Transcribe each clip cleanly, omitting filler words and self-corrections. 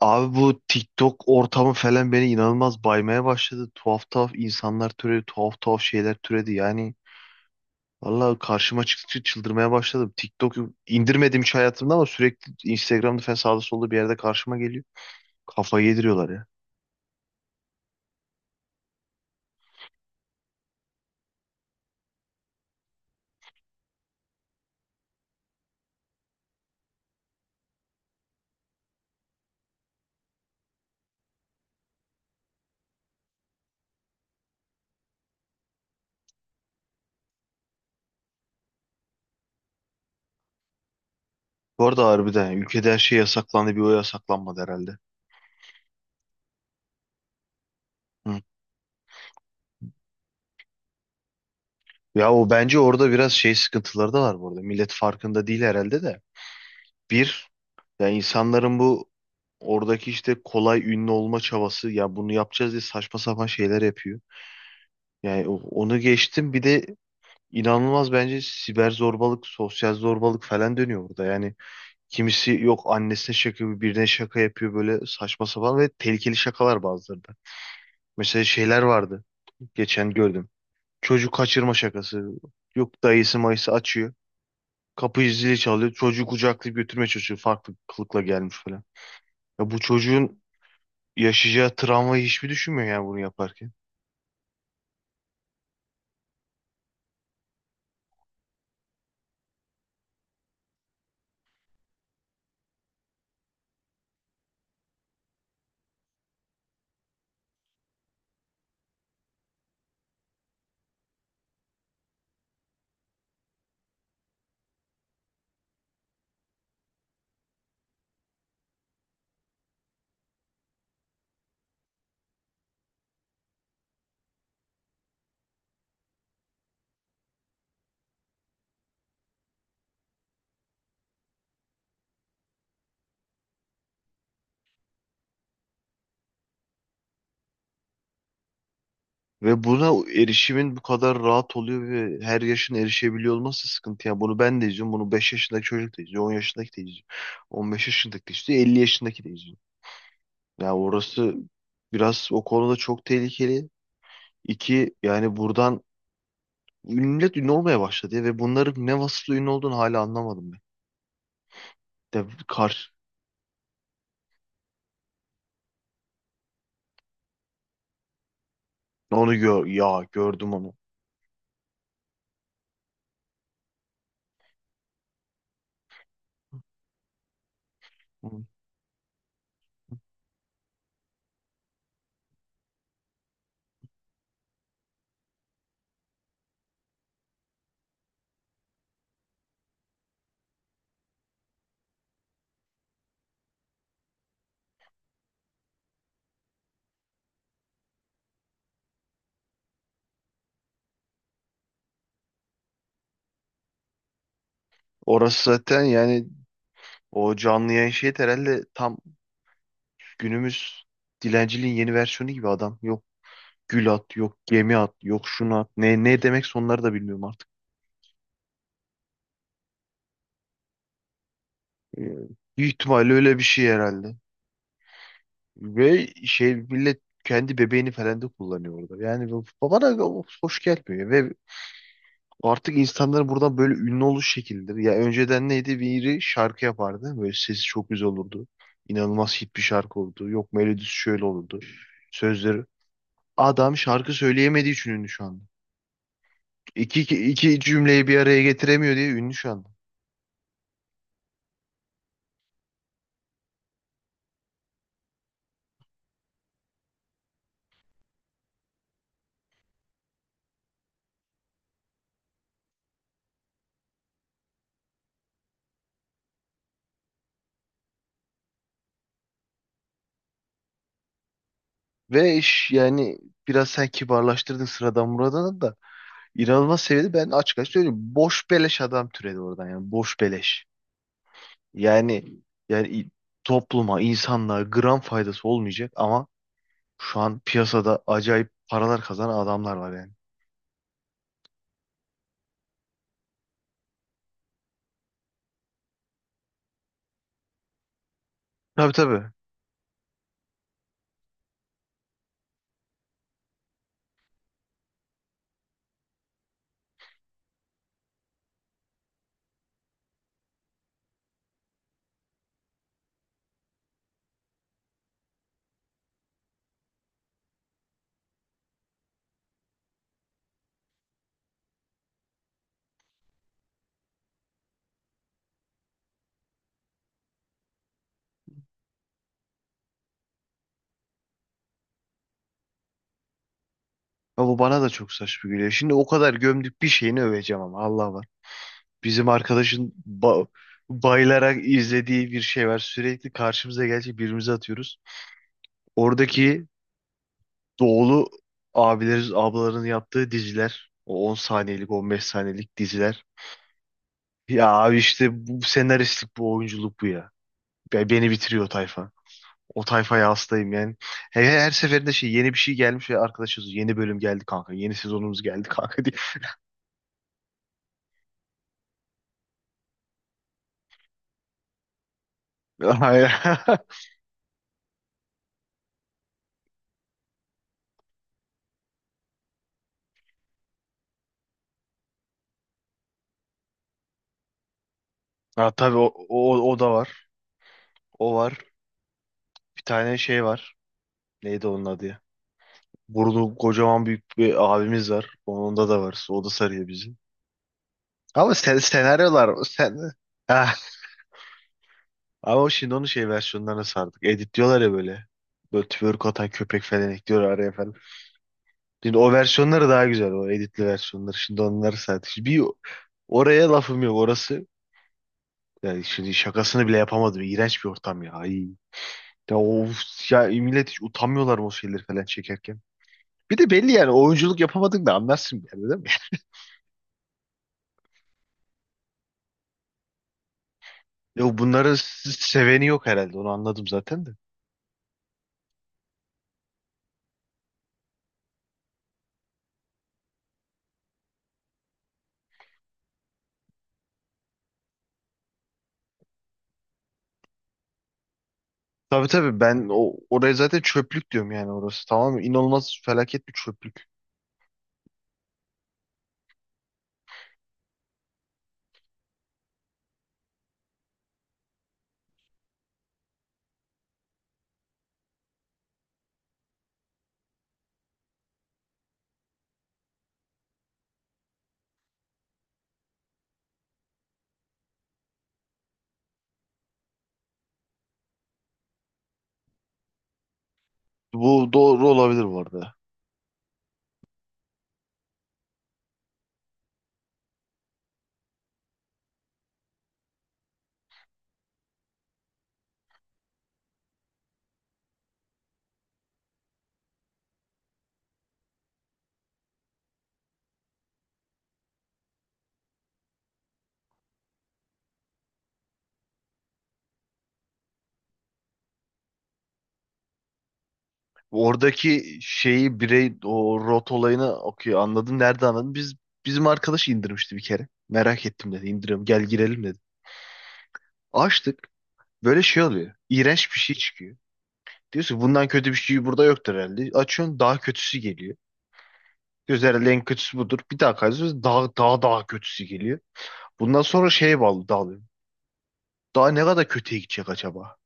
Abi bu TikTok ortamı falan beni inanılmaz baymaya başladı. Tuhaf tuhaf insanlar türedi, tuhaf tuhaf şeyler türedi. Yani vallahi karşıma çıktıkça çıldırmaya başladım. TikTok'u indirmedim hiç hayatımda ama sürekli Instagram'da falan sağda solda bir yerde karşıma geliyor. Kafayı yediriyorlar ya. Bu arada harbiden ülkede her şey yasaklandı, bir o yasaklanmadı herhalde. Hı. Ya o bence orada biraz şey sıkıntıları da var bu arada. Millet farkında değil herhalde de. Bir, ya insanların bu oradaki işte kolay ünlü olma çabası, ya bunu yapacağız diye saçma sapan şeyler yapıyor. Yani onu geçtim, bir de inanılmaz bence siber zorbalık, sosyal zorbalık falan dönüyor burada. Yani kimisi yok annesine şaka yapıyor, birine şaka yapıyor, böyle saçma sapan ve tehlikeli şakalar bazıları da. Mesela şeyler vardı, geçen gördüm. Çocuk kaçırma şakası. Yok dayısı mayısı açıyor. Kapıyı zili çalıyor. Çocuğu kucaklayıp götürmeye çalışıyor. Farklı kılıkla gelmiş falan. Ya bu çocuğun yaşayacağı travmayı hiçbir düşünmüyor yani bunu yaparken. Ve buna erişimin bu kadar rahat oluyor ve her yaşın erişebiliyor olması sıkıntı. Yani bunu ben de izliyorum. Bunu 5 yaşındaki çocuk da izliyor. 10 yaşındaki de izliyor. 15 yaşındaki de izliyor. 50 yaşındaki de izliyor. Yani orası biraz o konuda çok tehlikeli. İki, yani buradan millet ünlü olmaya başladı ya, ve bunların ne vasıflı ünlü olduğunu hala anlamadım ben. De karşı onu gör ya, gördüm onu. Hı. Orası zaten yani o canlı yayın şeyi de herhalde tam günümüz dilenciliğin yeni versiyonu gibi adam. Yok gül at, yok gemi at, yok şunu at. Ne, ne demek sonları da bilmiyorum artık. Ee, büyük ihtimalle öyle bir şey herhalde. Ve şey, millet kendi bebeğini falan da kullanıyor orada. Yani bana o hoş gelmiyor. Ve artık insanların buradan böyle ünlü oluş şekildir. Ya önceden neydi? Biri şarkı yapardı. Böyle sesi çok güzel olurdu. İnanılmaz hit bir şarkı olurdu. Yok melodisi şöyle olurdu. Sözleri. Adam şarkı söyleyemediği için ünlü şu anda. İki, cümleyi bir araya getiremiyor diye ünlü şu anda. Ve iş yani biraz sen kibarlaştırdın sıradan Murat'ını da, inanılmaz seviyede ben açık açık söyleyeyim. Boş beleş adam türedi oradan, yani boş beleş. Yani, yani i- topluma, insanlığa gram faydası olmayacak ama şu an piyasada acayip paralar kazanan adamlar var yani. Tabii, tabii. Ya bu bana da çok saçma geliyor. Şimdi o kadar gömdük, bir şeyini öveceğim ama Allah var. Bizim arkadaşın bayılarak izlediği bir şey var. Sürekli karşımıza gelecek, birbirimize atıyoruz. Oradaki doğulu abilerin, ablaların yaptığı diziler. O 10 saniyelik, 15 saniyelik diziler. Ya abi, işte bu senaristlik, bu oyunculuk bu ya. Beni bitiriyor o tayfa. O tayfaya hastayım yani. Her seferinde şey, yeni bir şey gelmiş ve arkadaşız, yeni bölüm geldi kanka. Yeni sezonumuz geldi kanka diye. Aynen. Ha tabii o da var. O var. Bir tane şey var. Neydi onun adı ya? Burada kocaman büyük bir abimiz var. Onda da var. O da sarıyor bizi. Ama sen, senaryolar sen ah, ama şimdi onun şey versiyonlarına sardık. Editliyorlar ya böyle. Böyle twerk atan köpek falan ekliyorlar araya falan. Şimdi o versiyonları daha güzel, o editli versiyonları. Şimdi onları sardık. Şimdi bir, oraya lafım yok orası. Yani şimdi şakasını bile yapamadım. İğrenç bir ortam ya. Ay. Ya, of, ya millet hiç utanmıyorlar mı o şeyleri falan çekerken. Bir de belli yani, oyunculuk yapamadın da anlarsın yani, değil mi? Yo, bunların seveni yok herhalde, onu anladım zaten de. Tabii, tabii, ben o oraya zaten çöplük diyorum yani orası. Tamam, inanılmaz felaket bir çöplük. Bu doğru olabilir bu arada. Oradaki şeyi birey o rot olayını okuyor. Anladın nerede anladın? Biz, bizim arkadaş indirmişti bir kere. Merak ettim dedi. İndiriyorum gel girelim dedi. Açtık. Böyle şey oluyor. İğrenç bir şey çıkıyor. Diyorsun ki, bundan kötü bir şey burada yoktur herhalde. Açıyorsun, daha kötüsü geliyor. Diyorsun herhalde en kötüsü budur. Bir daha kayıyorsun, daha daha daha kötüsü geliyor. Bundan sonra şeye bağlı dalıyorum. Daha ne kadar kötüye gidecek acaba?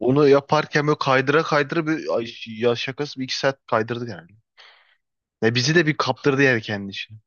Onu yaparken böyle kaydıra kaydıra bir ay, ya şakası bir iki saat kaydırdı yani. Ya bizi de bir kaptırdı yani kendi içine.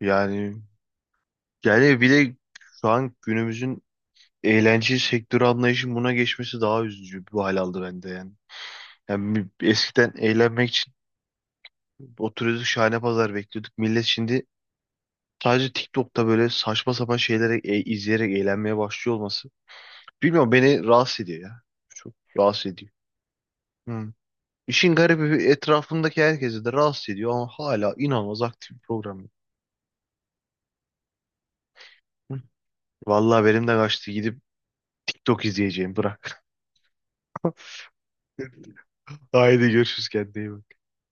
Yani, yani bile şu an günümüzün eğlence sektörü anlayışının buna geçmesi daha üzücü bir hal aldı bende yani. Yani eskiden eğlenmek için oturuyorduk, şahane pazar bekliyorduk. Millet şimdi sadece TikTok'ta böyle saçma sapan şeyleri izleyerek eğlenmeye başlıyor olması. Bilmiyorum, beni rahatsız ediyor ya. Çok rahatsız ediyor. Hı. İşin garibi, etrafındaki herkesi de rahatsız ediyor ama hala inanılmaz aktif bir program. Hı. Vallahi benim de kaçtı. Gidip TikTok izleyeceğim. Bırak. Haydi görüşürüz, kendine iyi bak.